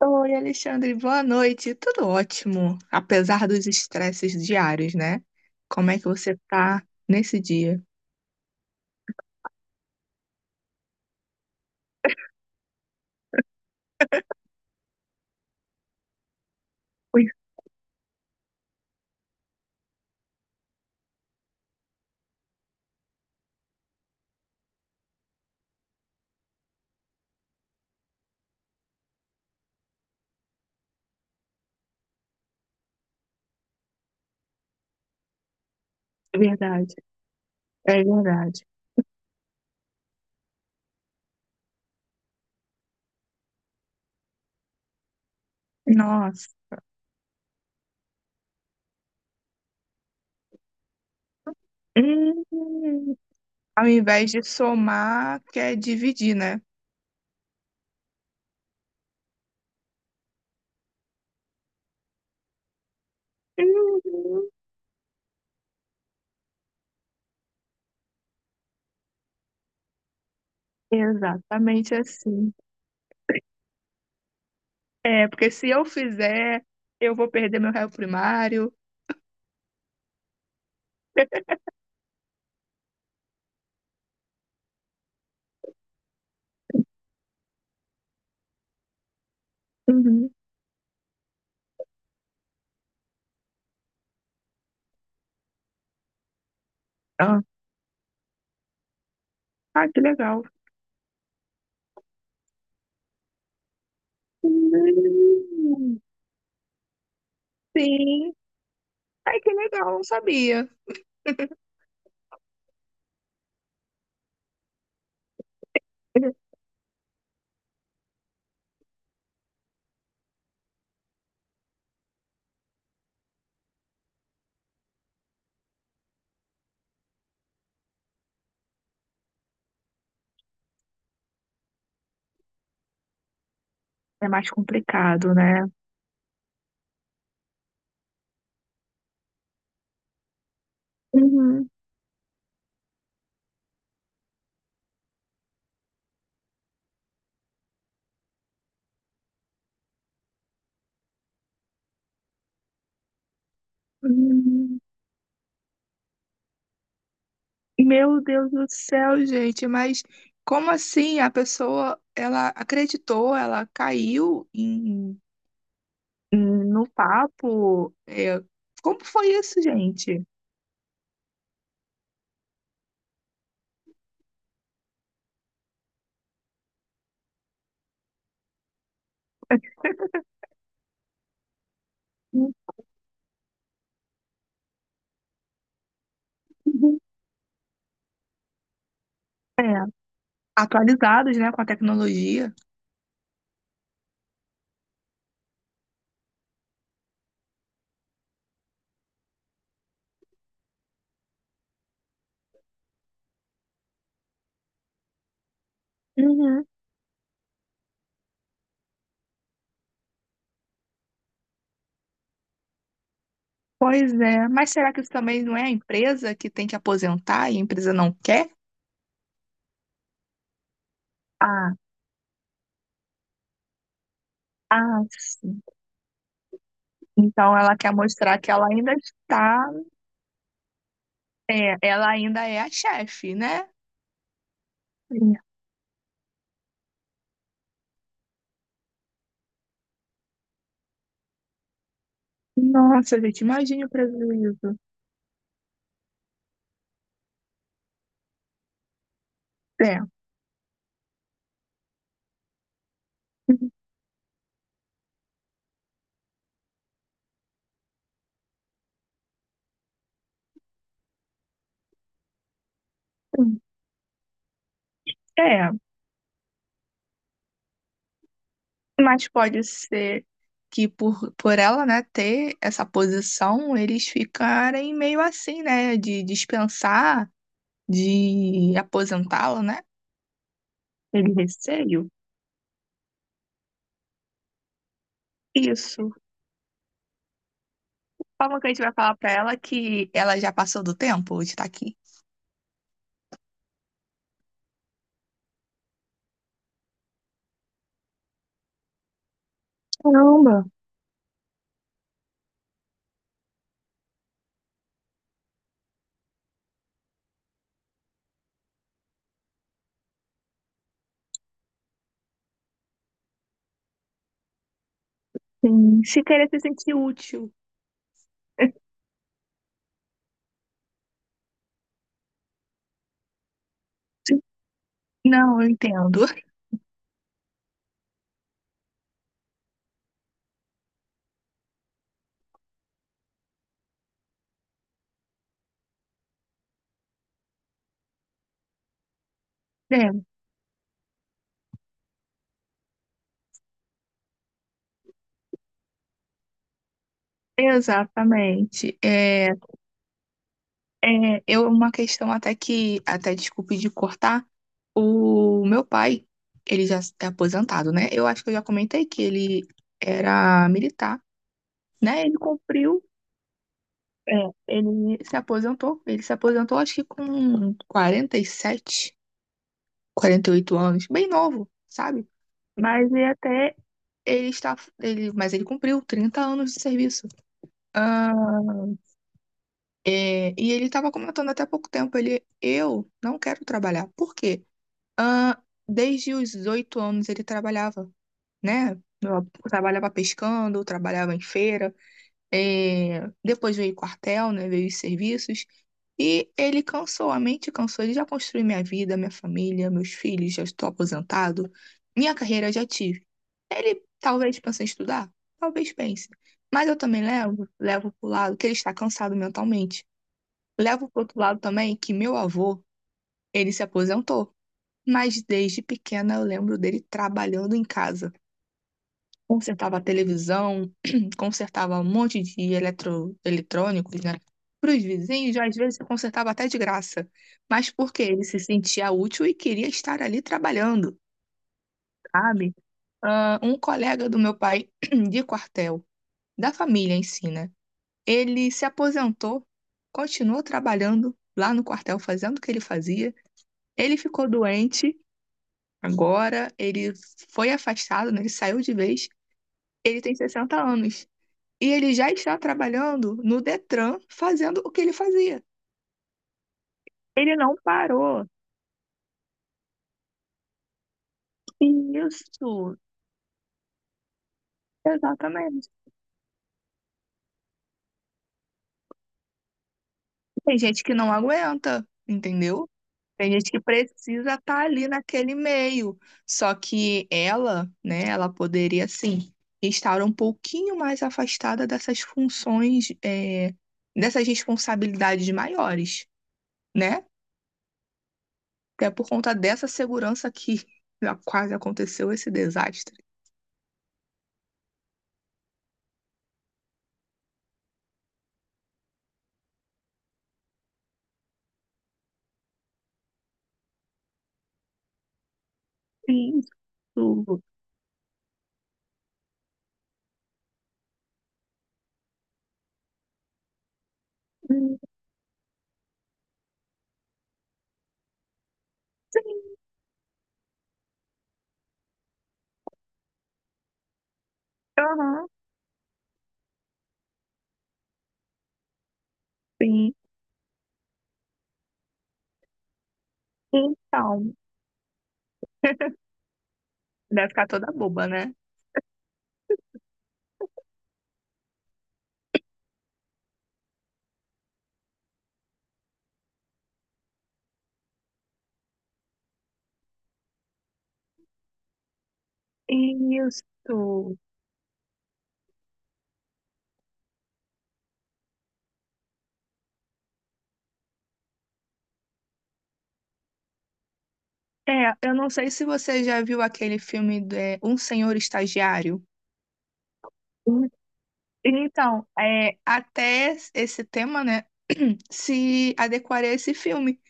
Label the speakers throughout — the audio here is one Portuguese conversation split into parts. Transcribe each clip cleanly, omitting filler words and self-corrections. Speaker 1: Oi, Alexandre, boa noite. Tudo ótimo, apesar dos estresses diários, né? Como é que você tá nesse dia? Ui, é verdade, é verdade. Nossa. Hum, Ao invés de somar, quer dividir, né? Uhum. Exatamente assim. É, porque se eu fizer, eu vou perder meu réu primário. Uhum. Ah, ah, que legal. Hum. Sim. Ai, que legal, não sabia. É mais complicado, né? Uhum, uhum. Meu Deus do céu, gente, mas como assim a pessoa, ela acreditou, ela caiu no papo? É, como foi isso, gente? Uhum. Atualizados, né, com a tecnologia. Uhum. Pois é, mas será que isso também não é a empresa que tem que aposentar e a empresa não quer? Ah, ah, sim. Então ela quer mostrar que ela ainda está. É, ela ainda é a chefe, né? É. Nossa, gente, imagine o prejuízo. É. É, mas pode ser que por ela, né, ter essa posição, eles ficarem meio assim, né, de dispensar, de aposentá-la, né? Ele receio. Isso. Como que a gente vai falar pra ela que ela já passou do tempo de estar aqui? Caramba, sim. Se querer se sentir útil. Não, eu entendo. É, exatamente. Eu, uma questão até que, até desculpe de cortar, o meu pai, ele já é aposentado, né? Eu acho que eu já comentei que ele era militar, né? Ele cumpriu, é, ele se aposentou, acho que com quarenta quarenta e sete 48 anos, bem novo, sabe? Mas ele até, ele está, ele, mas ele cumpriu 30 anos de serviço. É, e ele estava comentando até há pouco tempo, eu não quero trabalhar. Por quê? Ah, desde os 8 anos ele trabalhava, né? Eu trabalhava pescando, trabalhava em feira, depois veio o quartel, né? Veio os serviços. E ele cansou, a mente cansou. Ele já construiu minha vida, minha família, meus filhos, já estou aposentado, minha carreira já tive. Ele talvez pense em estudar, talvez pense. Mas eu também levo pro lado que ele está cansado mentalmente. Levo pro outro lado também que meu avô, ele se aposentou, mas desde pequena eu lembro dele trabalhando em casa. Consertava a televisão, consertava um monte de eletrônicos, né? Para os vizinhos, às vezes consertava até de graça, mas porque ele se sentia útil e queria estar ali trabalhando, sabe? Ah, um colega do meu pai de quartel, da família em si, né? Ele se aposentou, continuou trabalhando lá no quartel, fazendo o que ele fazia. Ele ficou doente agora, ele foi afastado, né? Ele saiu de vez. Ele tem 60 anos. E ele já está trabalhando no Detran, fazendo o que ele fazia. Ele não parou. Isso, exatamente. Tem gente que não aguenta, entendeu? Tem gente que precisa estar ali naquele meio. Só que ela, né, ela poderia sim estar um pouquinho mais afastada dessas funções, dessas responsabilidades maiores. Né? É por conta dessa segurança que já quase aconteceu esse desastre. Isso. Hum. Sim, aham, sim. Então, deve ficar toda boba, né? Isso. É, eu não sei se você já viu aquele filme de Um Senhor Estagiário. hum, então, até esse tema, né? Se adequaria a esse filme.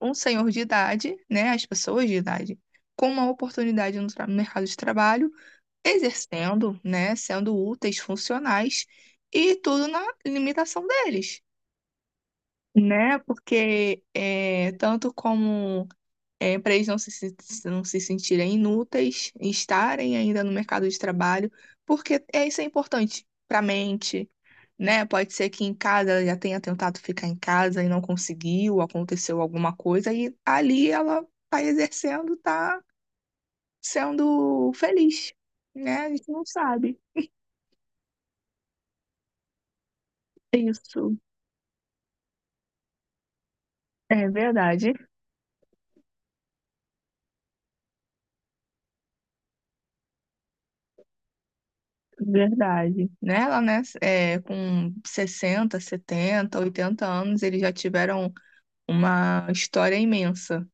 Speaker 1: Um senhor de idade, né? As pessoas de idade, com uma oportunidade no mercado de trabalho. Exercendo, né, sendo úteis, funcionais, e tudo na limitação deles, né? Porque é, tanto como é, para eles não não se sentirem inúteis, estarem ainda no mercado de trabalho, porque é, isso é importante para a mente, né? Pode ser que em casa já tenha tentado ficar em casa e não conseguiu, aconteceu alguma coisa, e ali ela está exercendo, está sendo feliz, né? A gente não sabe. Isso. É verdade, verdade. Né? Lá, né, com 60, 70, 80 anos, eles já tiveram uma história imensa,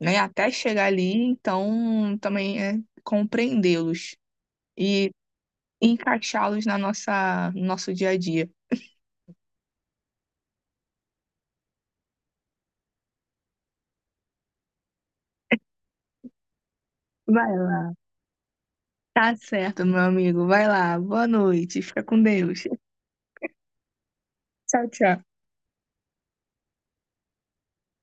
Speaker 1: né? Até chegar ali, então também é compreendê-los e encaixá-los no nosso dia a dia. Vai lá. Tá certo, meu amigo. Vai lá. Boa noite. Fica com Deus. Tchau, tchau.